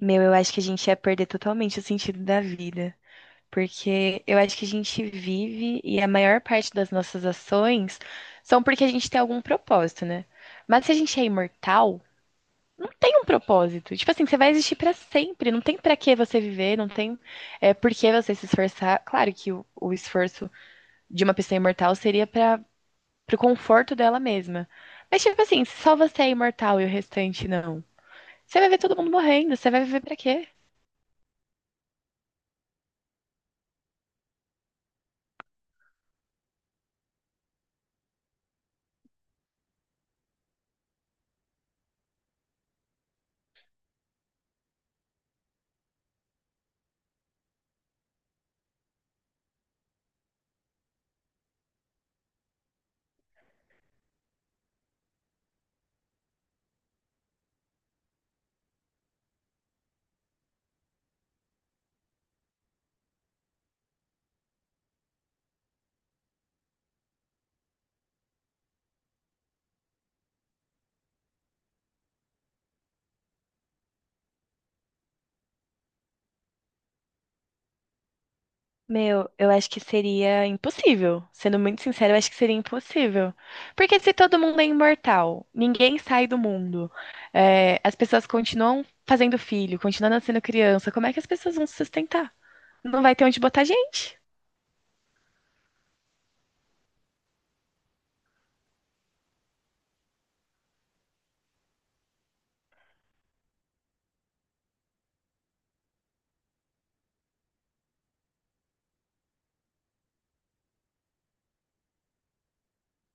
Meu, eu acho que a gente ia perder totalmente o sentido da vida. Porque eu acho que a gente vive e a maior parte das nossas ações são porque a gente tem algum propósito, né? Mas se a gente é imortal, não tem um propósito. Tipo assim, você vai existir pra sempre, não tem pra que você viver, não tem por que você se esforçar. Claro que o esforço de uma pessoa imortal seria para pro conforto dela mesma. Mas tipo assim, se só você é imortal e o restante não, você vai ver todo mundo morrendo, você vai viver pra quê? Meu, eu acho que seria impossível. Sendo muito sincero, eu acho que seria impossível. Porque se todo mundo é imortal, ninguém sai do mundo, é, as pessoas continuam fazendo filho, continuam nascendo criança, como é que as pessoas vão se sustentar? Não vai ter onde botar gente.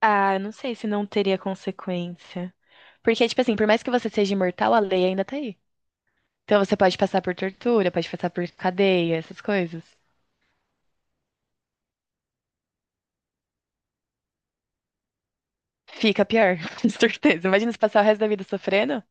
Ah, eu não sei se não teria consequência. Porque, tipo assim, por mais que você seja imortal, a lei ainda tá aí. Então você pode passar por tortura, pode passar por cadeia, essas coisas. Fica pior, com certeza. Imagina se passar o resto da vida sofrendo.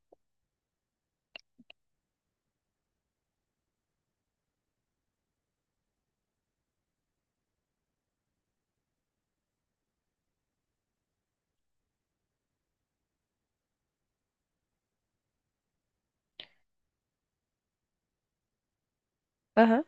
Aham.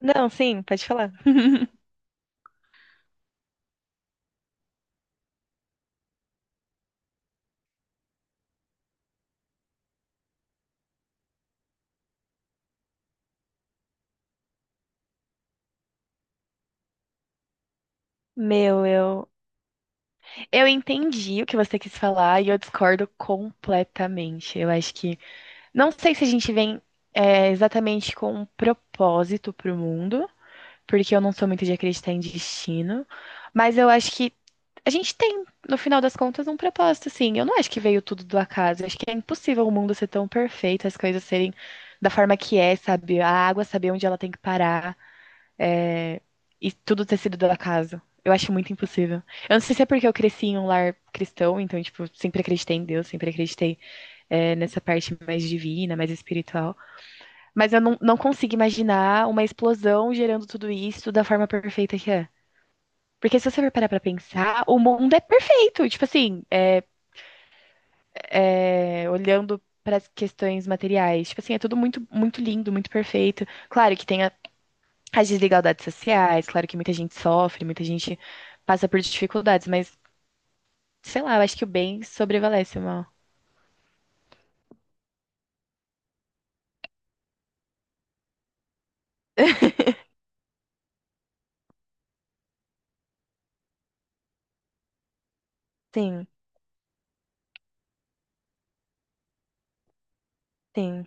Não, sim, pode falar. Meu, eu. Eu entendi o que você quis falar e eu discordo completamente. Eu acho que. Não sei se a gente vem exatamente com um propósito pro mundo, porque eu não sou muito de acreditar em destino, mas eu acho que a gente tem, no final das contas, um propósito, sim. Eu não acho que veio tudo do acaso. Eu acho que é impossível o mundo ser tão perfeito, as coisas serem da forma que é, sabe? A água saber onde ela tem que parar e tudo ter sido da casa. Eu acho muito impossível. Eu não sei se é porque eu cresci em um lar cristão, então, tipo, sempre acreditei em Deus, sempre acreditei nessa parte mais divina, mais espiritual. Mas eu não consigo imaginar uma explosão gerando tudo isso da forma perfeita que é. Porque se você for parar pra pensar, o mundo é perfeito. Tipo assim, é, olhando para as questões materiais, tipo assim, é tudo muito, muito lindo, muito perfeito. Claro que tem as desigualdades sociais, claro que muita gente sofre, muita gente passa por dificuldades, mas sei lá, eu acho que o bem sobrevalece o mal. Sim, sim,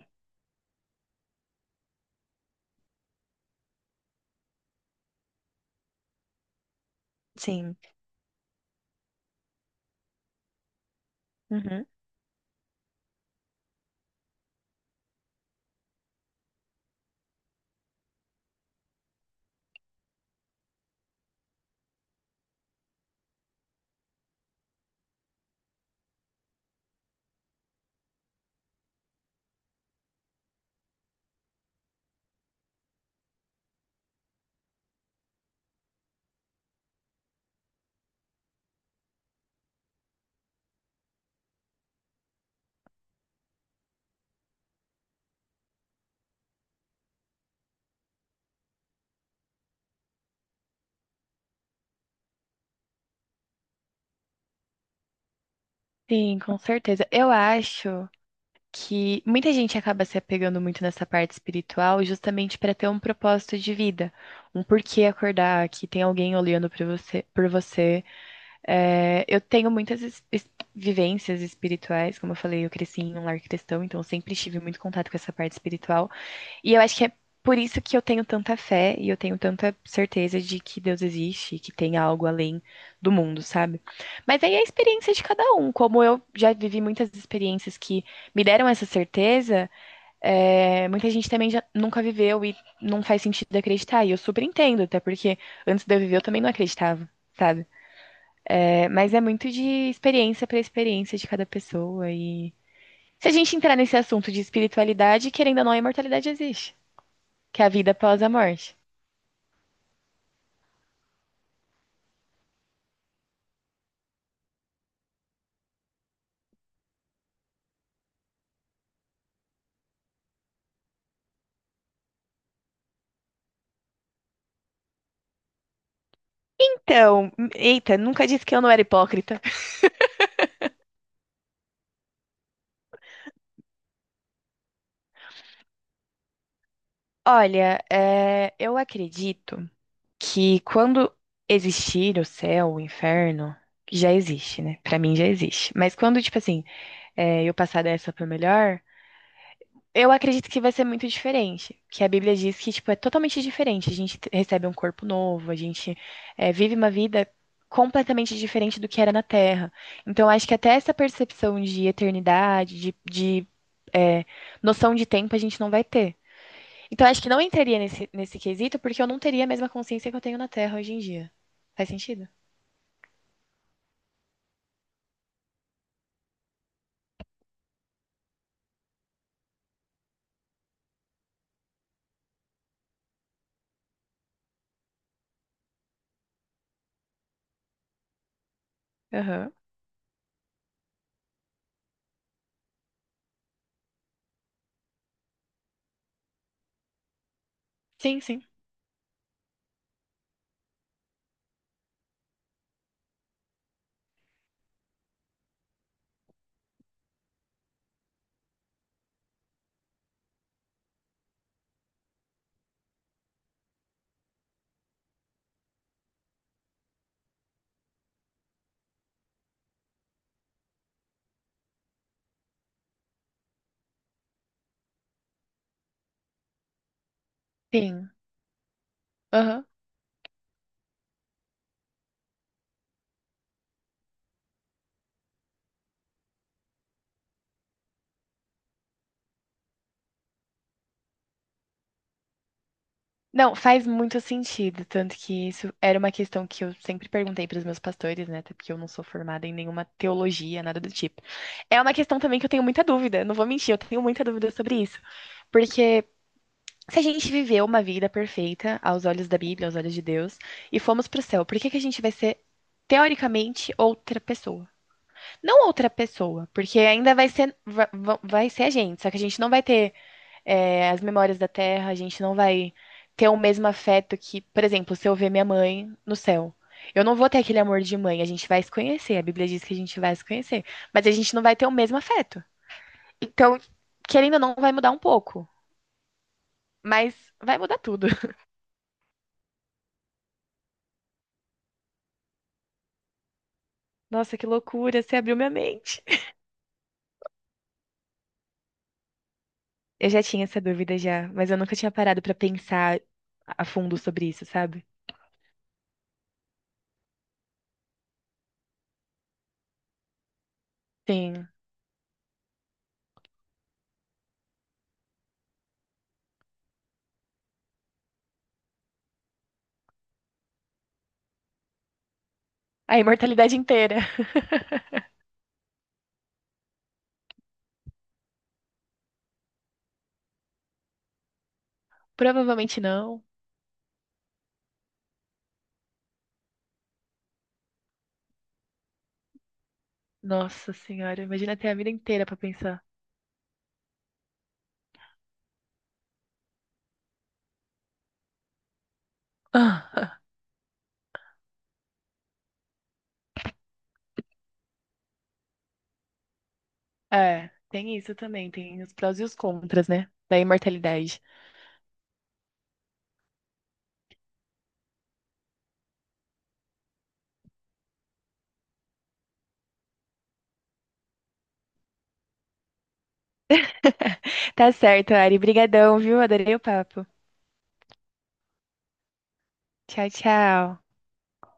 sim. Uhum. Sim, com certeza. Eu acho que muita gente acaba se apegando muito nessa parte espiritual justamente para ter um propósito de vida, um porquê acordar, que tem alguém olhando para você, por você. É, eu tenho muitas vivências espirituais, como eu falei, eu cresci em um lar cristão, então eu sempre tive muito contato com essa parte espiritual. E eu acho que é por isso que eu tenho tanta fé e eu tenho tanta certeza de que Deus existe, que tem algo além do mundo, sabe? Mas aí é a experiência de cada um. Como eu já vivi muitas experiências que me deram essa certeza, é, muita gente também já nunca viveu e não faz sentido acreditar. E eu super entendo, até porque antes de eu viver eu também não acreditava, sabe? É, mas é muito de experiência para experiência de cada pessoa. E. Se a gente entrar nesse assunto de espiritualidade, querendo ou não, a imortalidade existe. Que é a vida após a morte. Então, eita, nunca disse que eu não era hipócrita. Olha, é, eu acredito que quando existir o céu, o inferno, que já existe, né? Pra mim já existe. Mas quando, tipo assim, é, eu passar dessa pra melhor, eu acredito que vai ser muito diferente, que a Bíblia diz que, tipo, é totalmente diferente. A gente recebe um corpo novo, a gente vive uma vida completamente diferente do que era na Terra. Então, acho que até essa percepção de eternidade, de, eh, noção de tempo, a gente não vai ter. Então, acho que não entraria nesse quesito, porque eu não teria a mesma consciência que eu tenho na Terra hoje em dia. Faz sentido? Aham. Sim, sim. Sim. Aham. Não, faz muito sentido, tanto que isso era uma questão que eu sempre perguntei para os meus pastores, né? Até porque eu não sou formada em nenhuma teologia, nada do tipo. É uma questão também que eu tenho muita dúvida, não vou mentir, eu tenho muita dúvida sobre isso. Porque se a gente viveu uma vida perfeita aos olhos da Bíblia, aos olhos de Deus, e fomos para o céu, por que que a gente vai ser, teoricamente, outra pessoa? Não outra pessoa, porque ainda vai ser, vai ser a gente, só que a gente não vai ter as memórias da Terra, a gente não vai ter o mesmo afeto que, por exemplo, se eu ver minha mãe no céu. Eu não vou ter aquele amor de mãe, a gente vai se conhecer, a Bíblia diz que a gente vai se conhecer, mas a gente não vai ter o mesmo afeto. Então, querendo ou não, vai mudar um pouco, mas vai mudar tudo. Nossa, que loucura, você abriu minha mente. Eu já tinha essa dúvida já, mas eu nunca tinha parado pra pensar a fundo sobre isso, sabe? Sim. A imortalidade inteira. Provavelmente não. Nossa senhora, imagina ter a vida inteira pra pensar. É, tem isso também, tem os prós e os contras, né? Da imortalidade. Tá certo, Ari. Brigadão, viu? Adorei o papo. Tchau, tchau.